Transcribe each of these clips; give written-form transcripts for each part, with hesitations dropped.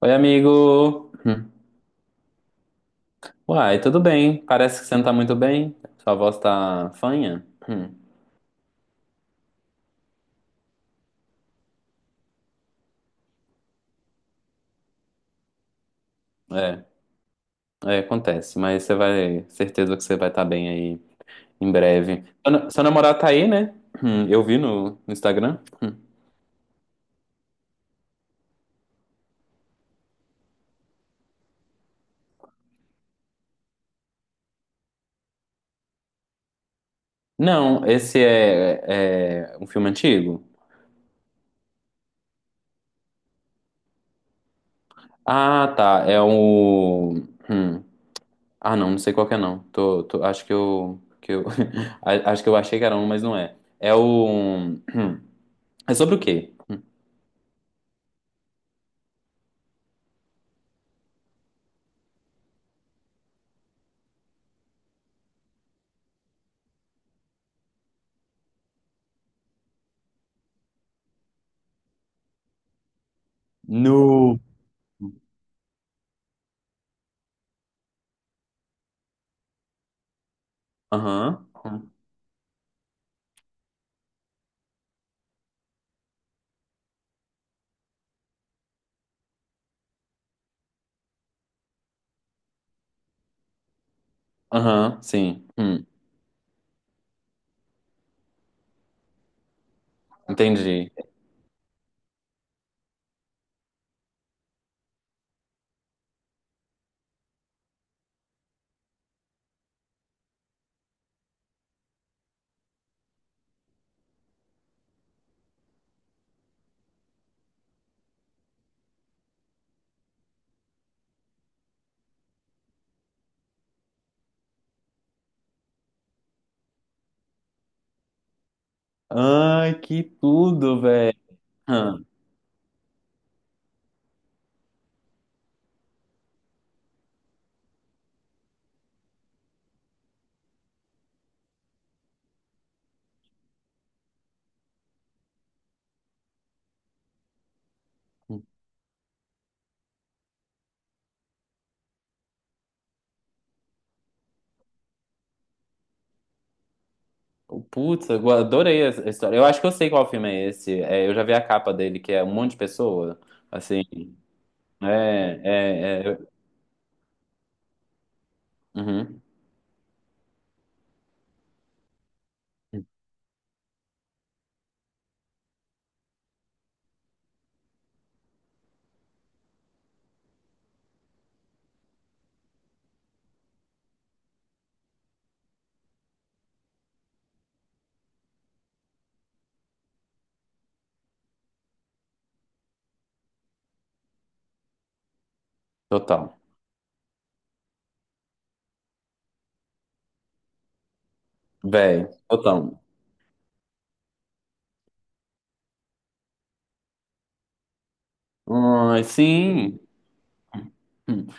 Oi, amigo! Hum. Uai, tudo bem? Parece que você não tá muito bem. Sua voz tá fanha? Hum. É, é, acontece, mas certeza que você vai estar bem aí em breve. Seu namorado tá aí, né? Eu vi no Instagram. Hum. Não, esse é um filme antigo? Ah, tá. É o. hum. Ah, não, não sei qual que é não. Acho que eu. Acho que eu achei que era um, mas não é. É o. É sobre o quê? No. Aham. Aham, Aham, sim. Entendi. Ai, que tudo, velho. Hum. Putz, eu adorei essa história. Eu acho que eu sei qual filme é esse. É, eu já vi a capa dele, que é um monte de pessoa. Assim, né? É, é, é. Uhum. Total. Velho, total. Ai, sim. Hum,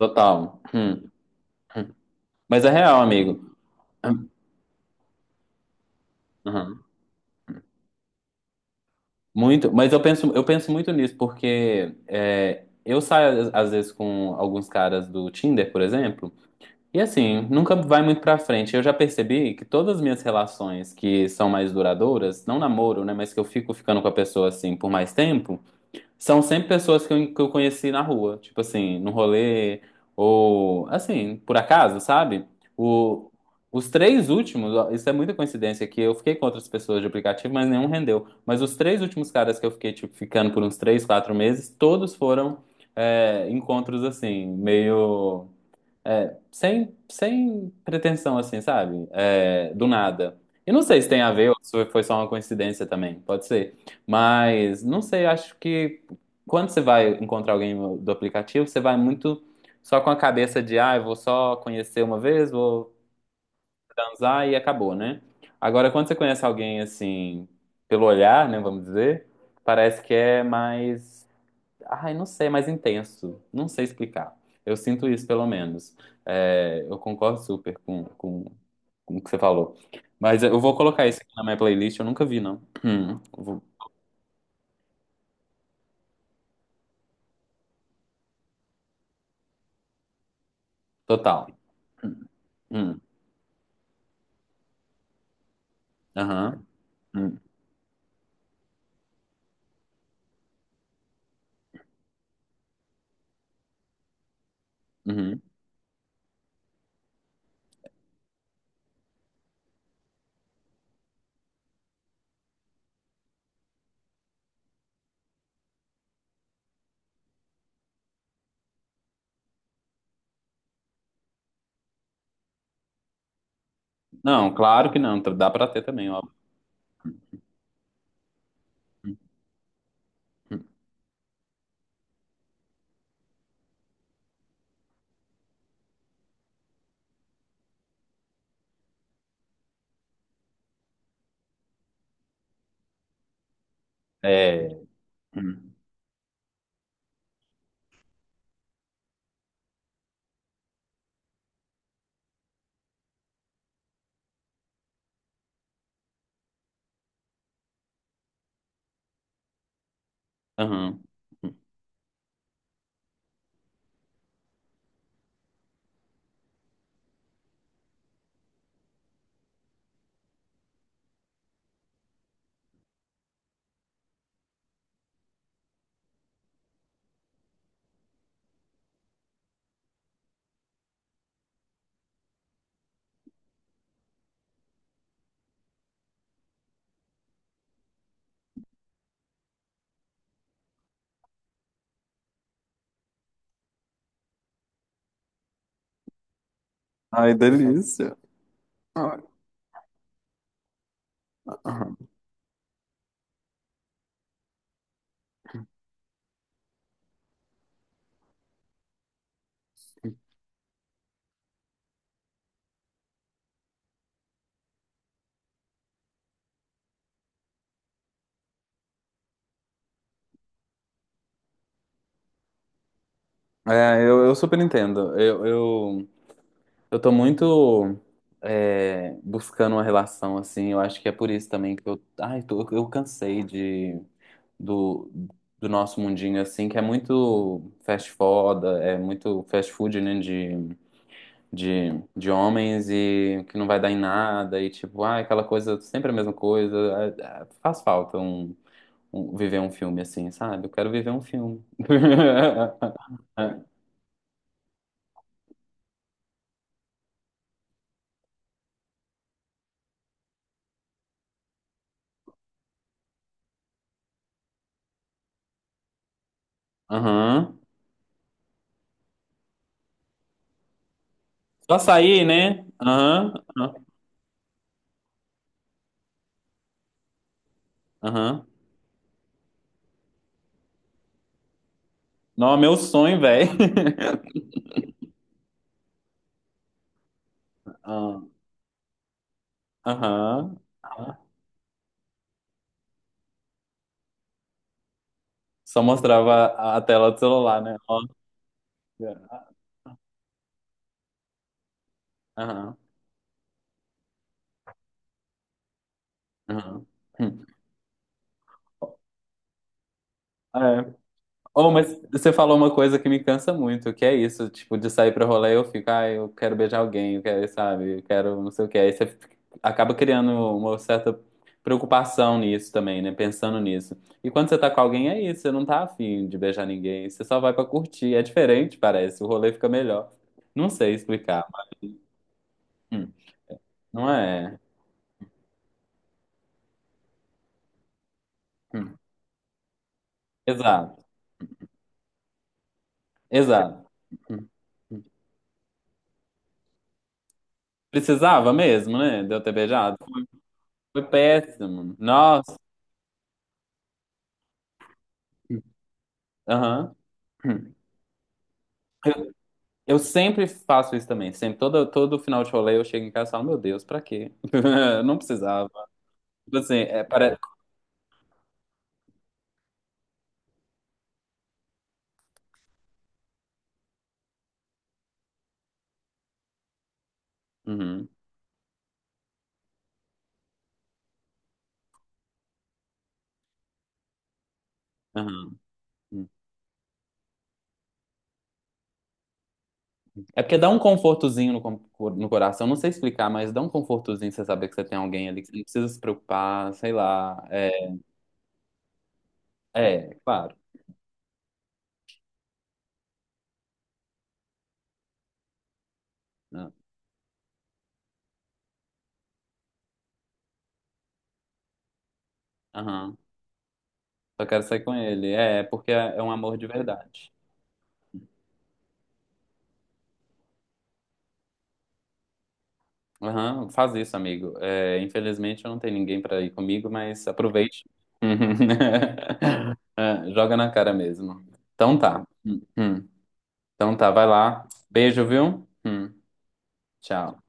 total. Hum. Mas é real, amigo. Aham. Muito, mas eu penso muito nisso, porque eu saio às vezes com alguns caras do Tinder, por exemplo, e assim, nunca vai muito pra frente. Eu já percebi que todas as minhas relações que são mais duradouras, não namoro, né, mas que eu fico ficando com a pessoa assim por mais tempo, são sempre pessoas que eu conheci na rua, tipo assim, no rolê, ou assim, por acaso, sabe? O, os três últimos, ó, isso é muita coincidência, que eu fiquei com outras pessoas de aplicativo, mas nenhum rendeu. Mas os três últimos caras que eu fiquei, tipo, ficando por uns três, quatro meses, todos foram, encontros assim, meio. É, sem pretensão, assim, sabe? É, do nada. E não sei se tem a ver ou se foi só uma coincidência também, pode ser. Mas não sei, acho que quando você vai encontrar alguém do aplicativo, você vai muito só com a cabeça de, ah, eu vou só conhecer uma vez, vou transar e acabou, né? Agora, quando você conhece alguém assim, pelo olhar, né, vamos dizer, parece que é mais. Ai, não sei, é mais intenso. Não sei explicar. Eu sinto isso, pelo menos. É, eu concordo super com o que você falou. Mas eu vou colocar isso aqui na minha playlist. Eu nunca vi, não. Hum, vou- Total. Hum, aham, hum, uhum. Não, claro que não. Dá pra ter também, ó. Hum, hum. É. Hum, aham. Ai, delícia. Ai. Aham. É, eu super entendo. Eu tô muito buscando uma relação, assim. Eu acho que é por isso também que eu. Ai, eu cansei do, do nosso mundinho, assim, que é muito fast food, né? De homens e que não vai dar em nada. E tipo, ah, aquela coisa, sempre a mesma coisa. Ah, ah, faz falta um, viver um filme assim, sabe? Eu quero viver um filme. Aham. Só sair, né? Aham. Aham. Não, é meu sonho, velho. Ah, aham. Aham. Só mostrava a tela do celular, né? Ó. Aham. Aham. Hum. É, oh, mas você falou uma coisa que me cansa muito, que é isso, tipo, de sair pra rolê eu fico, ah, eu quero beijar alguém, eu quero, sabe, eu quero não sei o que. Aí você acaba criando uma certa preocupação nisso também, né? Pensando nisso. E quando você tá com alguém, é isso, você não tá afim de beijar ninguém, você só vai pra curtir. É diferente, parece, o rolê fica melhor. Não sei explicar, mas hum, não é. Hum, Exato, exato. Hum. Precisava mesmo, né, de eu ter beijado? Foi péssimo. Nossa. Aham. Hum. Eu sempre faço isso também. Sempre, todo final de rolê eu chego em casa e falo, meu Deus, pra quê? Não precisava. Tipo assim, para... Uhum, uhum, uhum. É porque dá um confortozinho no coração. Não sei explicar, mas dá um confortozinho você saber que você tem alguém ali, que você não precisa se preocupar, sei lá. É, é, claro. Né? Aham. Só quero sair com ele. É, porque é um amor de verdade. Aham, faz isso, amigo. É, infelizmente eu não tenho ninguém pra ir comigo, mas aproveite. É, joga na cara mesmo. Então tá. Então tá, vai lá. Beijo, viu? Tchau.